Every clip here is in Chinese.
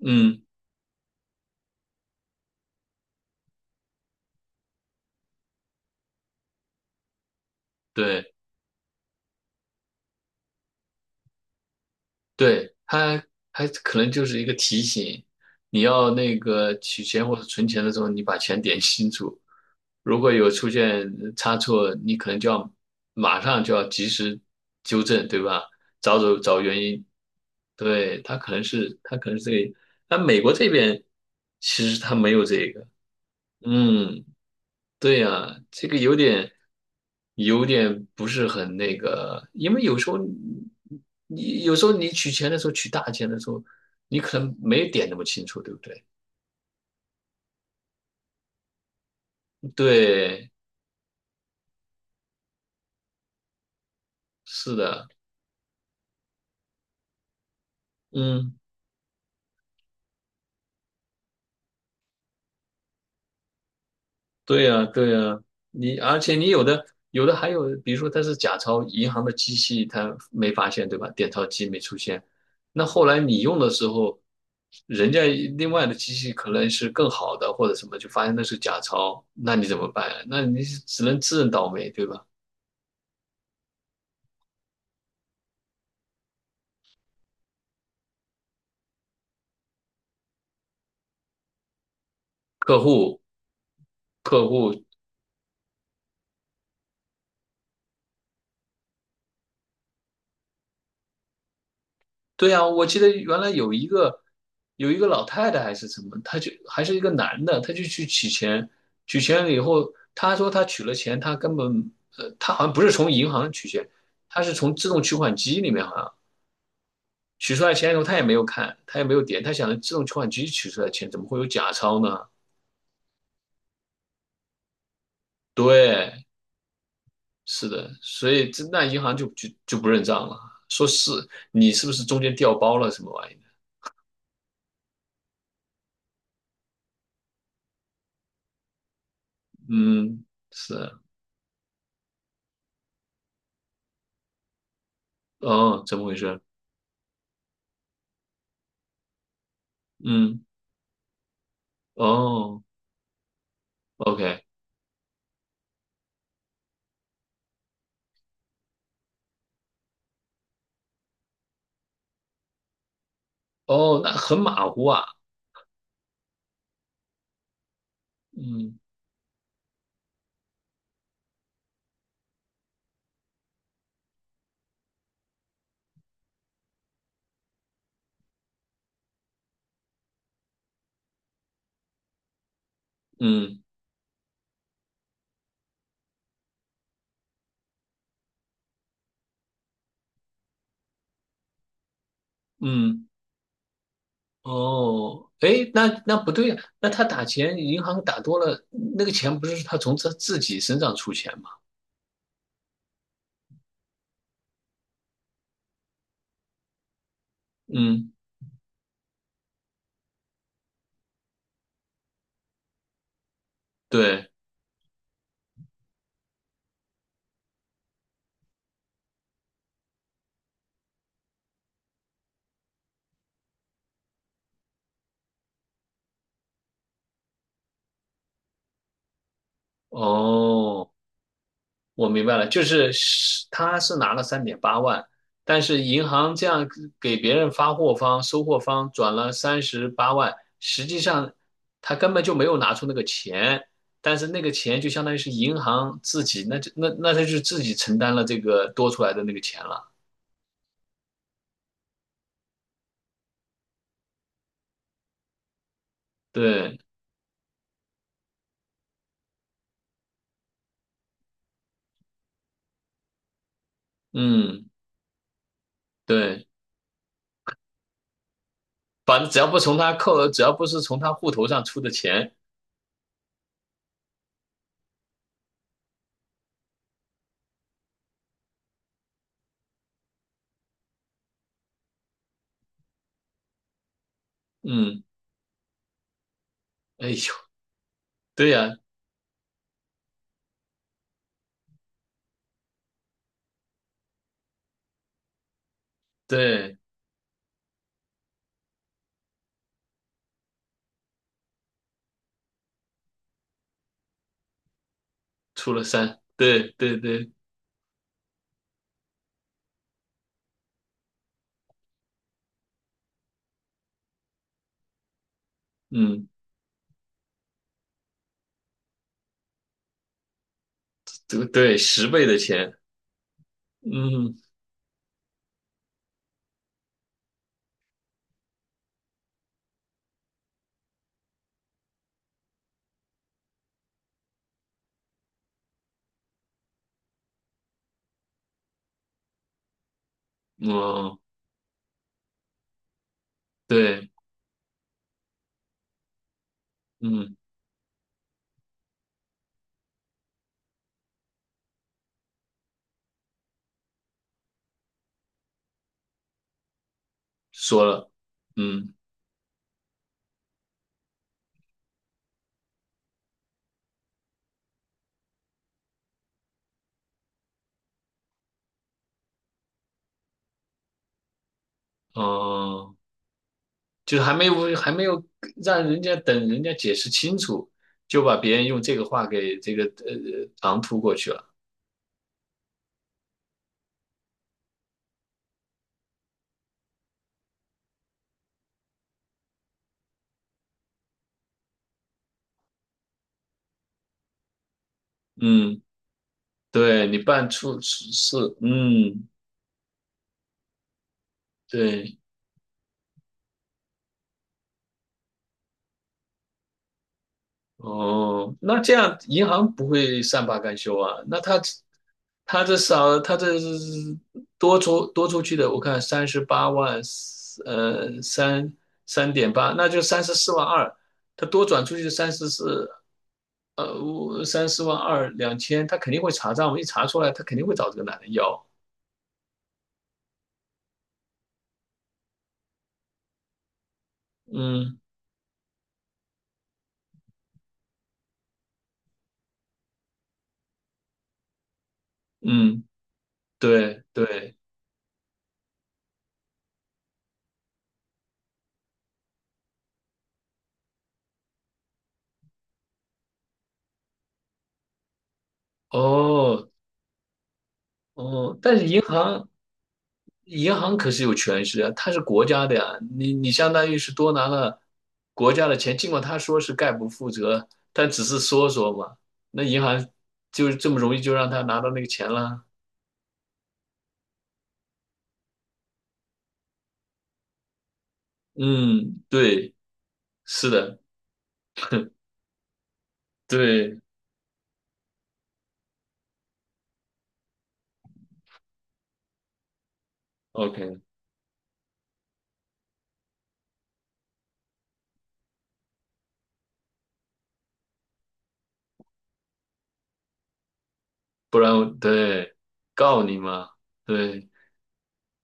嗯，对对，它还可能就是一个提醒，你要那个取钱或者存钱的时候，你把钱点清楚。如果有出现差错，你可能就要马上就要及时纠正，对吧？找原因。对，它可能是这个，但美国这边其实它没有这个。嗯。对呀，这个有点不是很那个，因为有时候你取钱的时候，取大钱的时候，你可能没点那么清楚，对不对？对，是的，嗯。对呀，对呀，而且你有的还有，比如说它是假钞，银行的机器它没发现，对吧？点钞机没出现，那后来你用的时候，人家另外的机器可能是更好的或者什么，就发现那是假钞，那你怎么办呀？那你只能自认倒霉，对吧？客户客户对呀，我记得原来有一个老太太还是什么，她就还是一个男的，他就去取钱，取钱了以后，他说他取了钱，他根本他好像不是从银行取钱，他是从自动取款机里面好像取出来钱以后，他也没有看，他也没有点，他想着自动取款机取出来钱怎么会有假钞呢？对，是的，所以这那银行就不认账了，说是你是不是中间调包了什么玩意的。嗯，是啊，哦，怎么回事？嗯。哦，OK，哦，那很马虎啊，嗯嗯嗯，哦，诶，那不对呀、那他打钱，银行打多了，那个钱不是他从他自己身上出钱吗？嗯，对，哦。我明白了，就是他是拿了3.8万，但是银行这样给别人发货方、收货方转了三十八万，实际上他根本就没有拿出那个钱，但是那个钱就相当于是银行自己，那他就自己承担了这个多出来的那个钱了。对，嗯，对，反正只要不从他扣，只要不是从他户头上出的钱，嗯，哎呦，对呀，对，出了三，对对对，嗯。这个对，10倍的钱，嗯，哦，对，嗯，说了，嗯，哦，就是还没有让人家等人家解释清楚，就把别人用这个话给这个唐突过去了，嗯，对你办出事，嗯，对。哦，那这样银行不会善罢甘休啊？那他他这少他这多出去的，我看三十八万，呃，三三点八，那就34.2万。他多转出去三十四，三四万二两千，他肯定会查账，我一查出来，他肯定会找这个男的要。嗯嗯，对对，哦哦，但是银行可是有权势啊，它是国家的呀，你相当于是多拿了国家的钱，尽管他说是概不负责，但只是说说嘛，那银行就是这么容易就让他拿到那个钱了。嗯，对，是的，对，OK，不然我对告你嘛，对，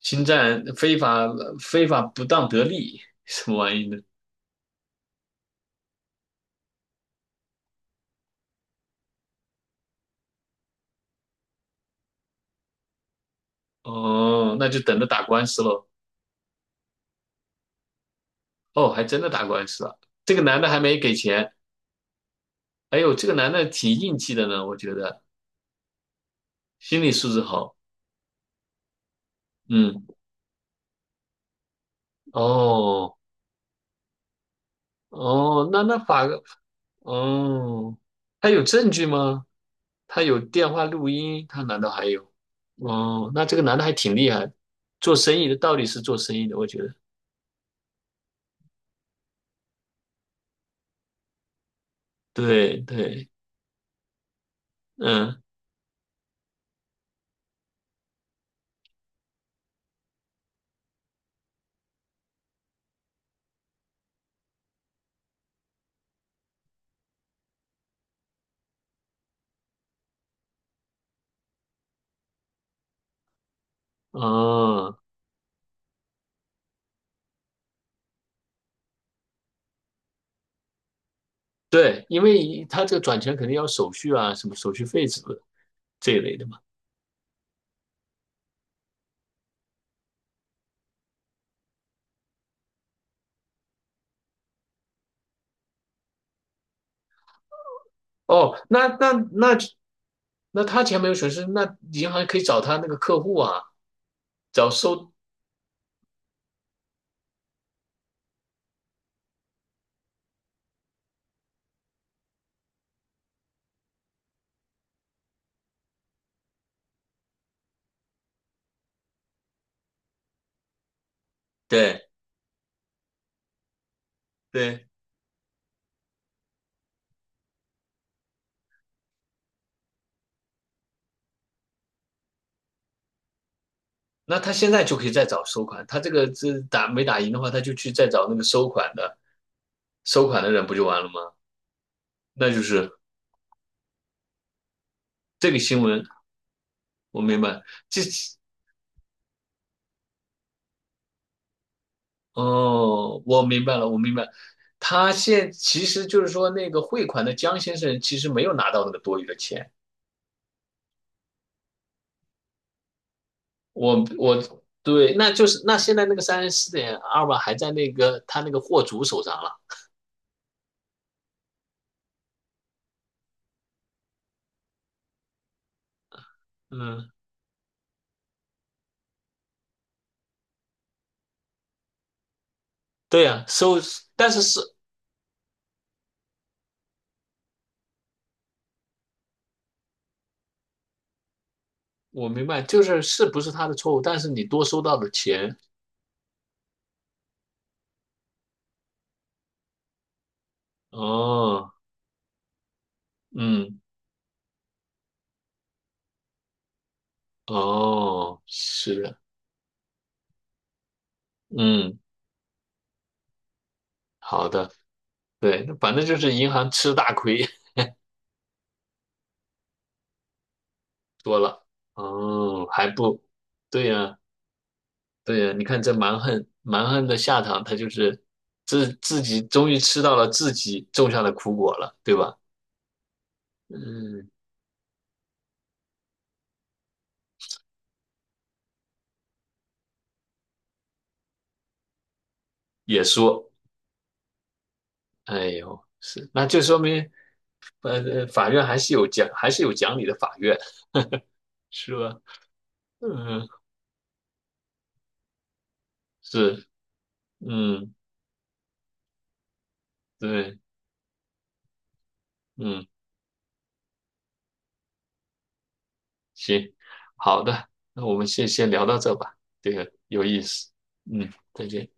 侵占非法不当得利什么玩意呢？哦，那就等着打官司喽。哦，还真的打官司了，这个男的还没给钱。哎呦，这个男的挺硬气的呢，我觉得心理素质好。嗯，哦哦，那那法哦，他有证据吗？他有电话录音，他难道还有？哦，那这个男的还挺厉害，做生意的到底是做生意的，我觉得。对对，嗯哦，对，因为他这个转钱肯定要手续啊，什么手续费什么的这一类的。嘛。哦，那那他钱没有损失，那银行可以找他那个客户啊，找收，对对，那他现在就可以再找收款，他这个这打没打赢的话，他就去再找那个收款的人不就完了吗？那就是这个新闻，我明白，这哦，我明白了，我明白，他现其实就是说那个汇款的江先生其实没有拿到那个多余的钱。我我对，那就是那现在那个34.2万还在那个他那个货主手上了。嗯，对呀、收，但是是我明白，就是是不是他的错误，但是你多收到的钱，哦，嗯，哦，是的，嗯，好的，对，反正就是银行吃大亏，多了，哦，还不，对呀、对呀、你看这蛮横蛮横的下场，他就是自己终于吃到了自己种下的苦果了，对吧？嗯，也说，哎呦，是，那就说明，法院还是有讲，还是有讲理的法院，是吧？嗯，是，嗯，对，嗯，行，好的，那我们先聊到这吧，这个有意思，嗯，再见。